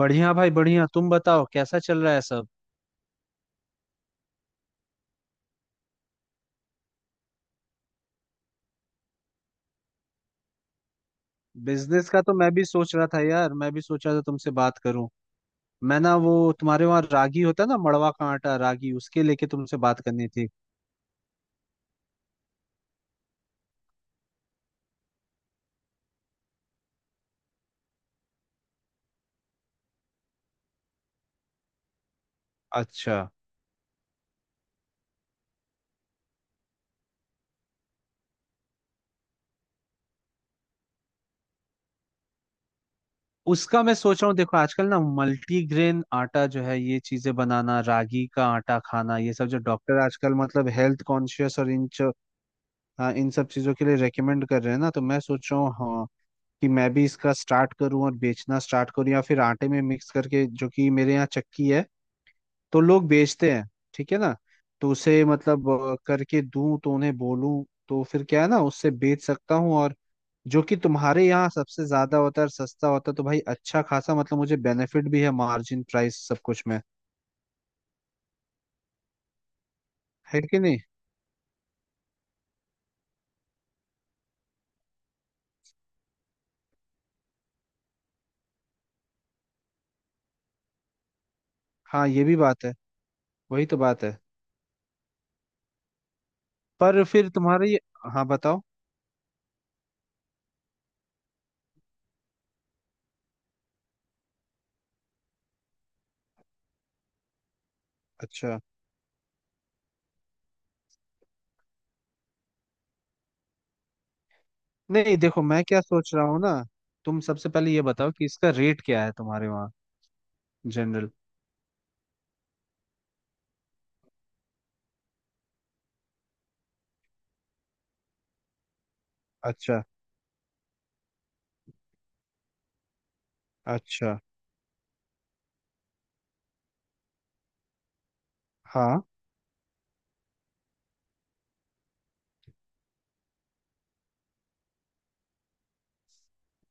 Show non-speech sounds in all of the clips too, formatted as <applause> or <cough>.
बढ़िया भाई बढ़िया, तुम बताओ कैसा चल रहा है सब। बिजनेस का तो मैं भी सोच रहा था यार, मैं भी सोचा था तुमसे बात करूं। मैं ना वो तुम्हारे वहाँ रागी होता है ना, मड़वा का आटा, रागी, उसके लेके तुमसे बात करनी थी। अच्छा। उसका मैं सोच रहा हूँ, देखो आजकल ना मल्टीग्रेन आटा जो है, ये चीजें बनाना, रागी का आटा खाना, ये सब जो डॉक्टर आजकल मतलब हेल्थ कॉन्शियस और हाँ, इन सब चीजों के लिए रेकमेंड कर रहे हैं ना, तो मैं सोच रहा हूँ हाँ कि मैं भी इसका स्टार्ट करूँ और बेचना स्टार्ट करूँ, या फिर आटे में मिक्स करके, जो कि मेरे यहाँ चक्की है तो लोग बेचते हैं। ठीक है ना, तो उसे मतलब करके दूं, तो उन्हें बोलूं तो फिर क्या है ना, उससे बेच सकता हूँ। और जो कि तुम्हारे यहाँ सबसे ज्यादा होता है और सस्ता होता है, तो भाई अच्छा खासा मतलब मुझे बेनिफिट भी है, मार्जिन, प्राइस सब कुछ में है कि नहीं। हाँ, ये भी बात है, वही तो बात है। पर फिर तुम्हारे ये, हाँ बताओ। अच्छा। नहीं देखो मैं क्या सोच रहा हूँ ना, तुम सबसे पहले ये बताओ कि इसका रेट क्या है तुम्हारे वहाँ, जनरल। अच्छा। अच्छा। हाँ।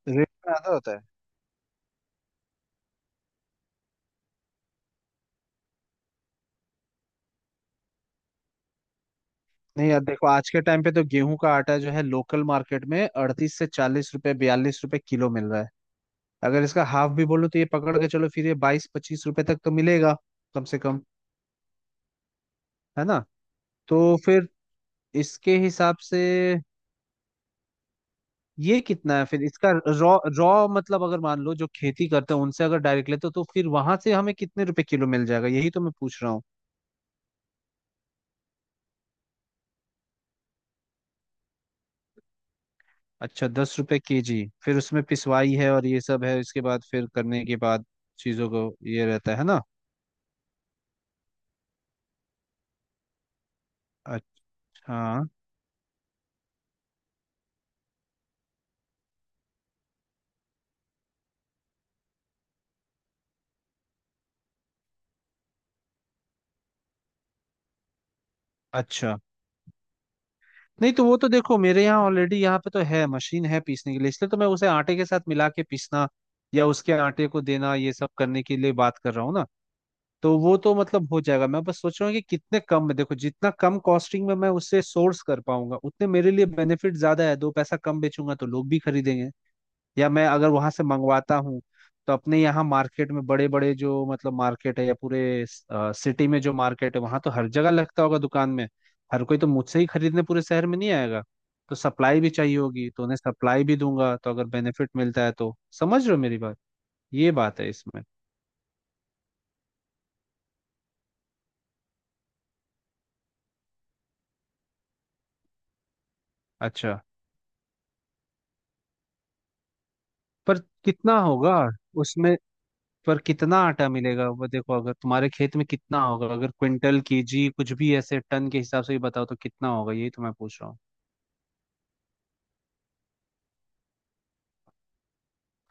रेट में आधा होता है। नहीं यार देखो, आज के टाइम पे तो गेहूं का आटा जो है लोकल मार्केट में 38 से 40 रुपए, 42 रुपए किलो मिल रहा है। अगर इसका हाफ भी बोलो तो ये पकड़ के चलो फिर, ये 22, 25 रुपए तक तो मिलेगा कम से कम। है ना। तो फिर इसके हिसाब से ये कितना है फिर इसका, रॉ, रॉ मतलब, अगर मान लो जो खेती करते हैं उनसे अगर डायरेक्ट लेते हो तो फिर वहां से हमें कितने रुपए किलो मिल जाएगा, यही तो मैं पूछ रहा हूँ। अच्छा, 10 रुपए केजी। फिर उसमें पिसवाई है और ये सब है, इसके बाद फिर करने के बाद चीजों को ये रहता है ना। अच्छा। अच्छा। नहीं तो वो तो देखो मेरे यहाँ ऑलरेडी यहाँ पे तो है, मशीन है पीसने के लिए, इसलिए तो मैं उसे आटे के साथ मिला के पीसना या उसके आटे को देना, ये सब करने के लिए बात कर रहा हूँ ना। तो वो तो मतलब हो जाएगा, मैं बस सोच रहा हूँ कि कितने कम में, देखो जितना कम कॉस्टिंग में मैं उससे सोर्स कर पाऊंगा उतने मेरे लिए बेनिफिट ज्यादा है, दो पैसा कम बेचूंगा तो लोग भी खरीदेंगे। या मैं अगर वहां से मंगवाता हूँ, तो अपने यहाँ मार्केट में बड़े बड़े जो मतलब मार्केट है, या पूरे सिटी में जो मार्केट है वहां तो हर जगह लगता होगा दुकान में। हर कोई तो मुझसे ही खरीदने पूरे शहर में नहीं आएगा, तो सप्लाई भी चाहिए होगी, तो उन्हें सप्लाई भी दूंगा, तो अगर बेनिफिट मिलता है तो। समझ रहे हो मेरी बात, ये बात है इसमें। अच्छा, पर कितना होगा उसमें? पर कितना आटा मिलेगा वो देखो, अगर तुम्हारे खेत में कितना होगा, अगर क्विंटल, केजी, कुछ भी ऐसे टन के हिसाब से ही बताओ तो कितना होगा, यही तो मैं पूछ रहा हूँ।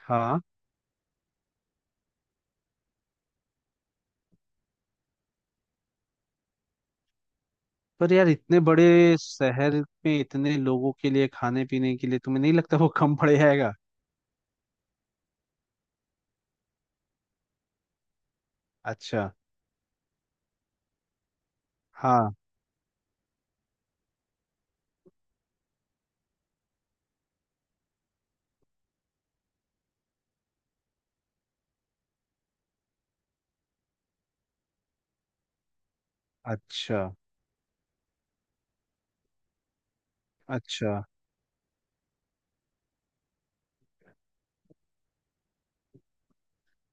हाँ। पर यार इतने बड़े शहर में इतने लोगों के लिए, खाने पीने के लिए, तुम्हें नहीं लगता वो कम पड़ जाएगा? अच्छा। हाँ। अच्छा। अच्छा।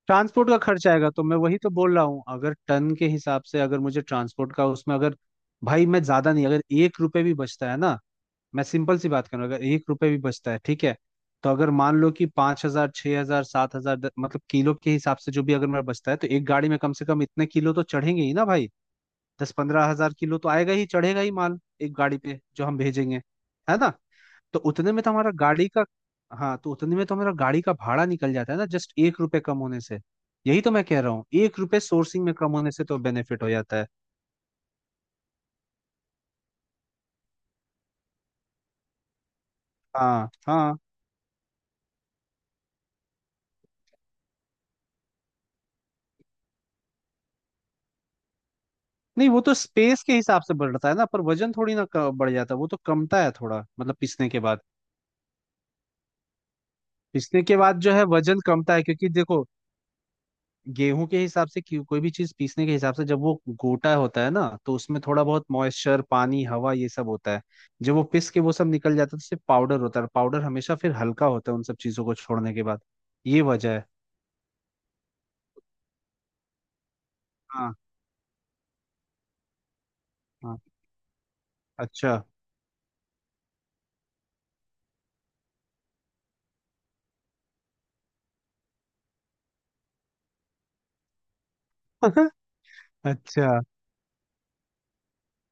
ट्रांसपोर्ट का खर्च आएगा तो मैं वही तो बोल रहा हूँ, अगर टन के हिसाब से अगर मुझे ट्रांसपोर्ट का उसमें अगर, भाई मैं ज्यादा नहीं, अगर 1 रुपए भी बचता है ना, मैं सिंपल सी बात कर रहा हूँ, अगर एक रुपए भी बचता है ठीक है। तो अगर मान लो कि 5,000, 6,000, 7,000 मतलब किलो के हिसाब से जो भी अगर मेरा बचता है, तो एक गाड़ी में कम से कम इतने किलो तो चढ़ेंगे ही ना भाई। 10-15 हज़ार किलो तो आएगा ही, चढ़ेगा ही माल एक गाड़ी पे जो हम भेजेंगे। है ना। तो उतने में तो हमारा गाड़ी का, हाँ तो उतने में तो हमारा गाड़ी का भाड़ा निकल जाता है ना, जस्ट 1 रुपए कम होने से। यही तो मैं कह रहा हूँ, 1 रुपए सोर्सिंग में कम होने से तो बेनिफिट हो जाता है। हाँ हाँ। नहीं वो तो स्पेस के हिसाब से बढ़ता है ना, पर वजन थोड़ी ना बढ़ जाता, वो तो कमता है थोड़ा, मतलब पिसने के बाद। पिसने के बाद जो है वजन कमता है, क्योंकि देखो, गेहूं के हिसाब से कोई भी चीज पीसने के हिसाब से, जब वो गोटा होता है ना तो उसमें थोड़ा बहुत मॉइस्चर, पानी, हवा ये सब होता है। जब वो पिस के वो सब निकल जाता है तो सिर्फ पाउडर होता है, पाउडर हमेशा फिर हल्का होता है उन सब चीजों को छोड़ने के बाद। ये वजह है। हाँ। हाँ। अच्छा। <laughs> अच्छा,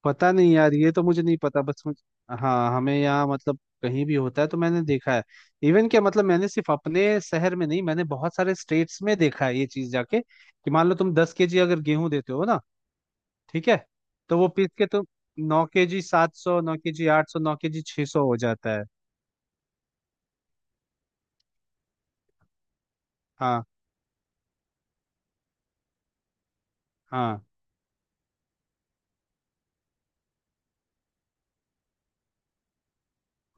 पता नहीं यार ये तो मुझे नहीं पता, बस मुझे। हाँ, हमें यहाँ मतलब कहीं भी होता है तो मैंने देखा है। इवन क्या मतलब, मैंने सिर्फ अपने शहर में नहीं, मैंने बहुत सारे स्टेट्स में देखा है ये चीज जाके, कि मान लो तुम 10 केजी अगर गेहूं देते हो ना, ठीक है, तो वो पीस के तो 9 केजी 700, 9 केजी 800, 9 केजी 600 हो जाता है। हाँ हाँ।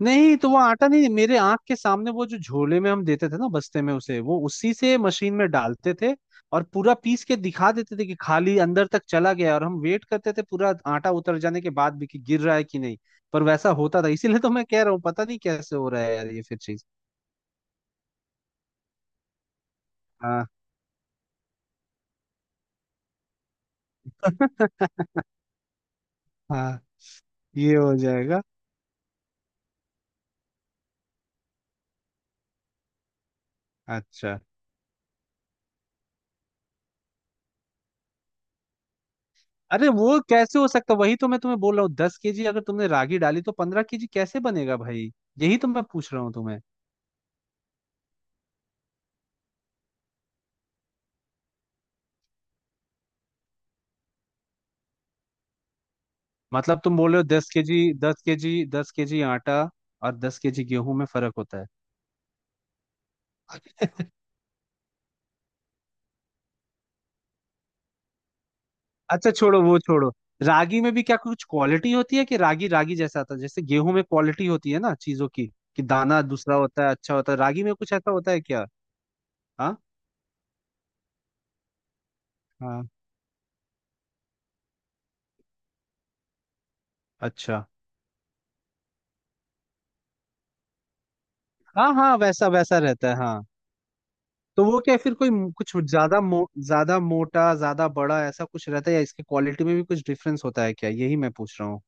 नहीं तो वो आटा नहीं, मेरे आंख के सामने वो जो झोले में हम देते थे ना, बस्ते में, उसे वो उसी से मशीन में डालते थे और पूरा पीस के दिखा देते थे कि खाली अंदर तक चला गया, और हम वेट करते थे पूरा आटा उतर जाने के बाद भी कि गिर रहा है कि नहीं। पर वैसा होता था, इसीलिए तो मैं कह रहा हूँ पता नहीं कैसे हो रहा है यार ये फिर चीज। हाँ। <laughs> हाँ ये हो जाएगा। अच्छा। अरे वो कैसे हो सकता, वही तो मैं तुम्हें बोल रहा हूँ, दस केजी अगर तुमने रागी डाली तो 15 केजी कैसे बनेगा भाई? यही तो मैं पूछ रहा हूँ तुम्हें। मतलब तुम बोल रहे हो दस केजी, दस केजी, दस केजी आटा और 10 केजी गेहूं में फर्क होता है? <laughs> अच्छा छोड़ो, वो छोड़ो। रागी में भी क्या कुछ क्वालिटी होती है कि रागी, रागी जैसा आता है, जैसे गेहूं में क्वालिटी होती है ना चीजों की, कि दाना दूसरा होता है, अच्छा होता है, रागी में कुछ ऐसा होता है क्या? हाँ। हाँ। अच्छा। हाँ हाँ, वैसा वैसा रहता है हाँ। तो वो क्या फिर कोई कुछ ज्यादा ज्यादा मोटा, ज्यादा बड़ा ऐसा कुछ रहता है, या इसकी क्वालिटी में भी कुछ डिफरेंस होता है क्या, यही मैं पूछ रहा हूँ।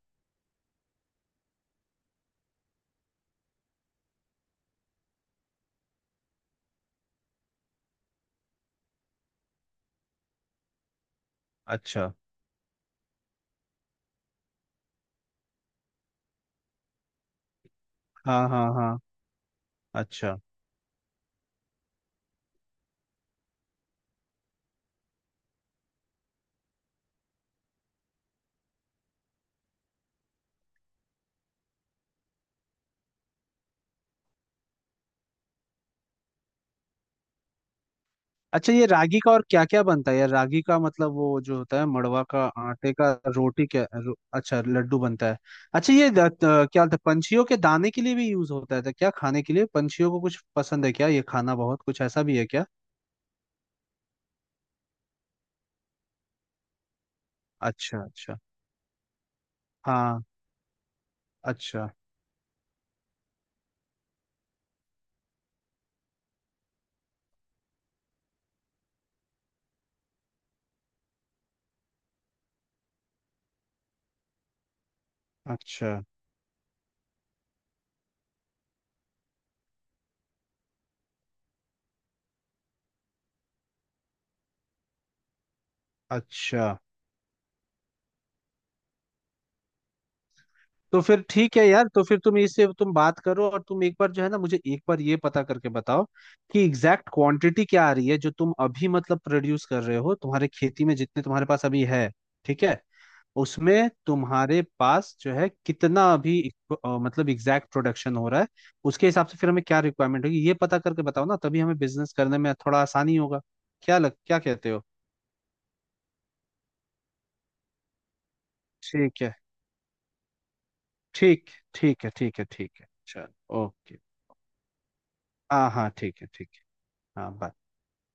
अच्छा। हाँ हाँ हाँ। अच्छा। अच्छा, ये रागी का और क्या क्या बनता है यार, रागी का मतलब, वो जो होता है मड़वा का आटे का, रोटी क्या अच्छा लड्डू बनता है। अच्छा, ये क्या होता है, पंछियों के दाने के लिए भी यूज होता है तो क्या खाने के लिए पंछियों को कुछ पसंद है क्या ये खाना, बहुत कुछ ऐसा भी है क्या? अच्छा अच्छा। हाँ। अच्छा। अच्छा। अच्छा। तो फिर ठीक है यार, तो फिर तुम इससे तुम बात करो, और तुम एक बार जो है ना, मुझे एक बार ये पता करके बताओ कि एग्जैक्ट क्वांटिटी क्या आ रही है जो तुम अभी मतलब प्रोड्यूस कर रहे हो तुम्हारे खेती में, जितने तुम्हारे पास अभी है। ठीक है। उसमें तुम्हारे पास जो है कितना अभी मतलब एग्जैक्ट प्रोडक्शन हो रहा है, उसके हिसाब से फिर हमें क्या रिक्वायरमेंट होगी ये पता करके बताओ ना, तभी हमें बिजनेस करने में थोड़ा आसानी होगा। क्या लग, क्या कहते हो? ठीक है। ठीक, ठीक है, ठीक है, ठीक है चल। ओके। हाँ हाँ ठीक है ठीक है। हाँ bye।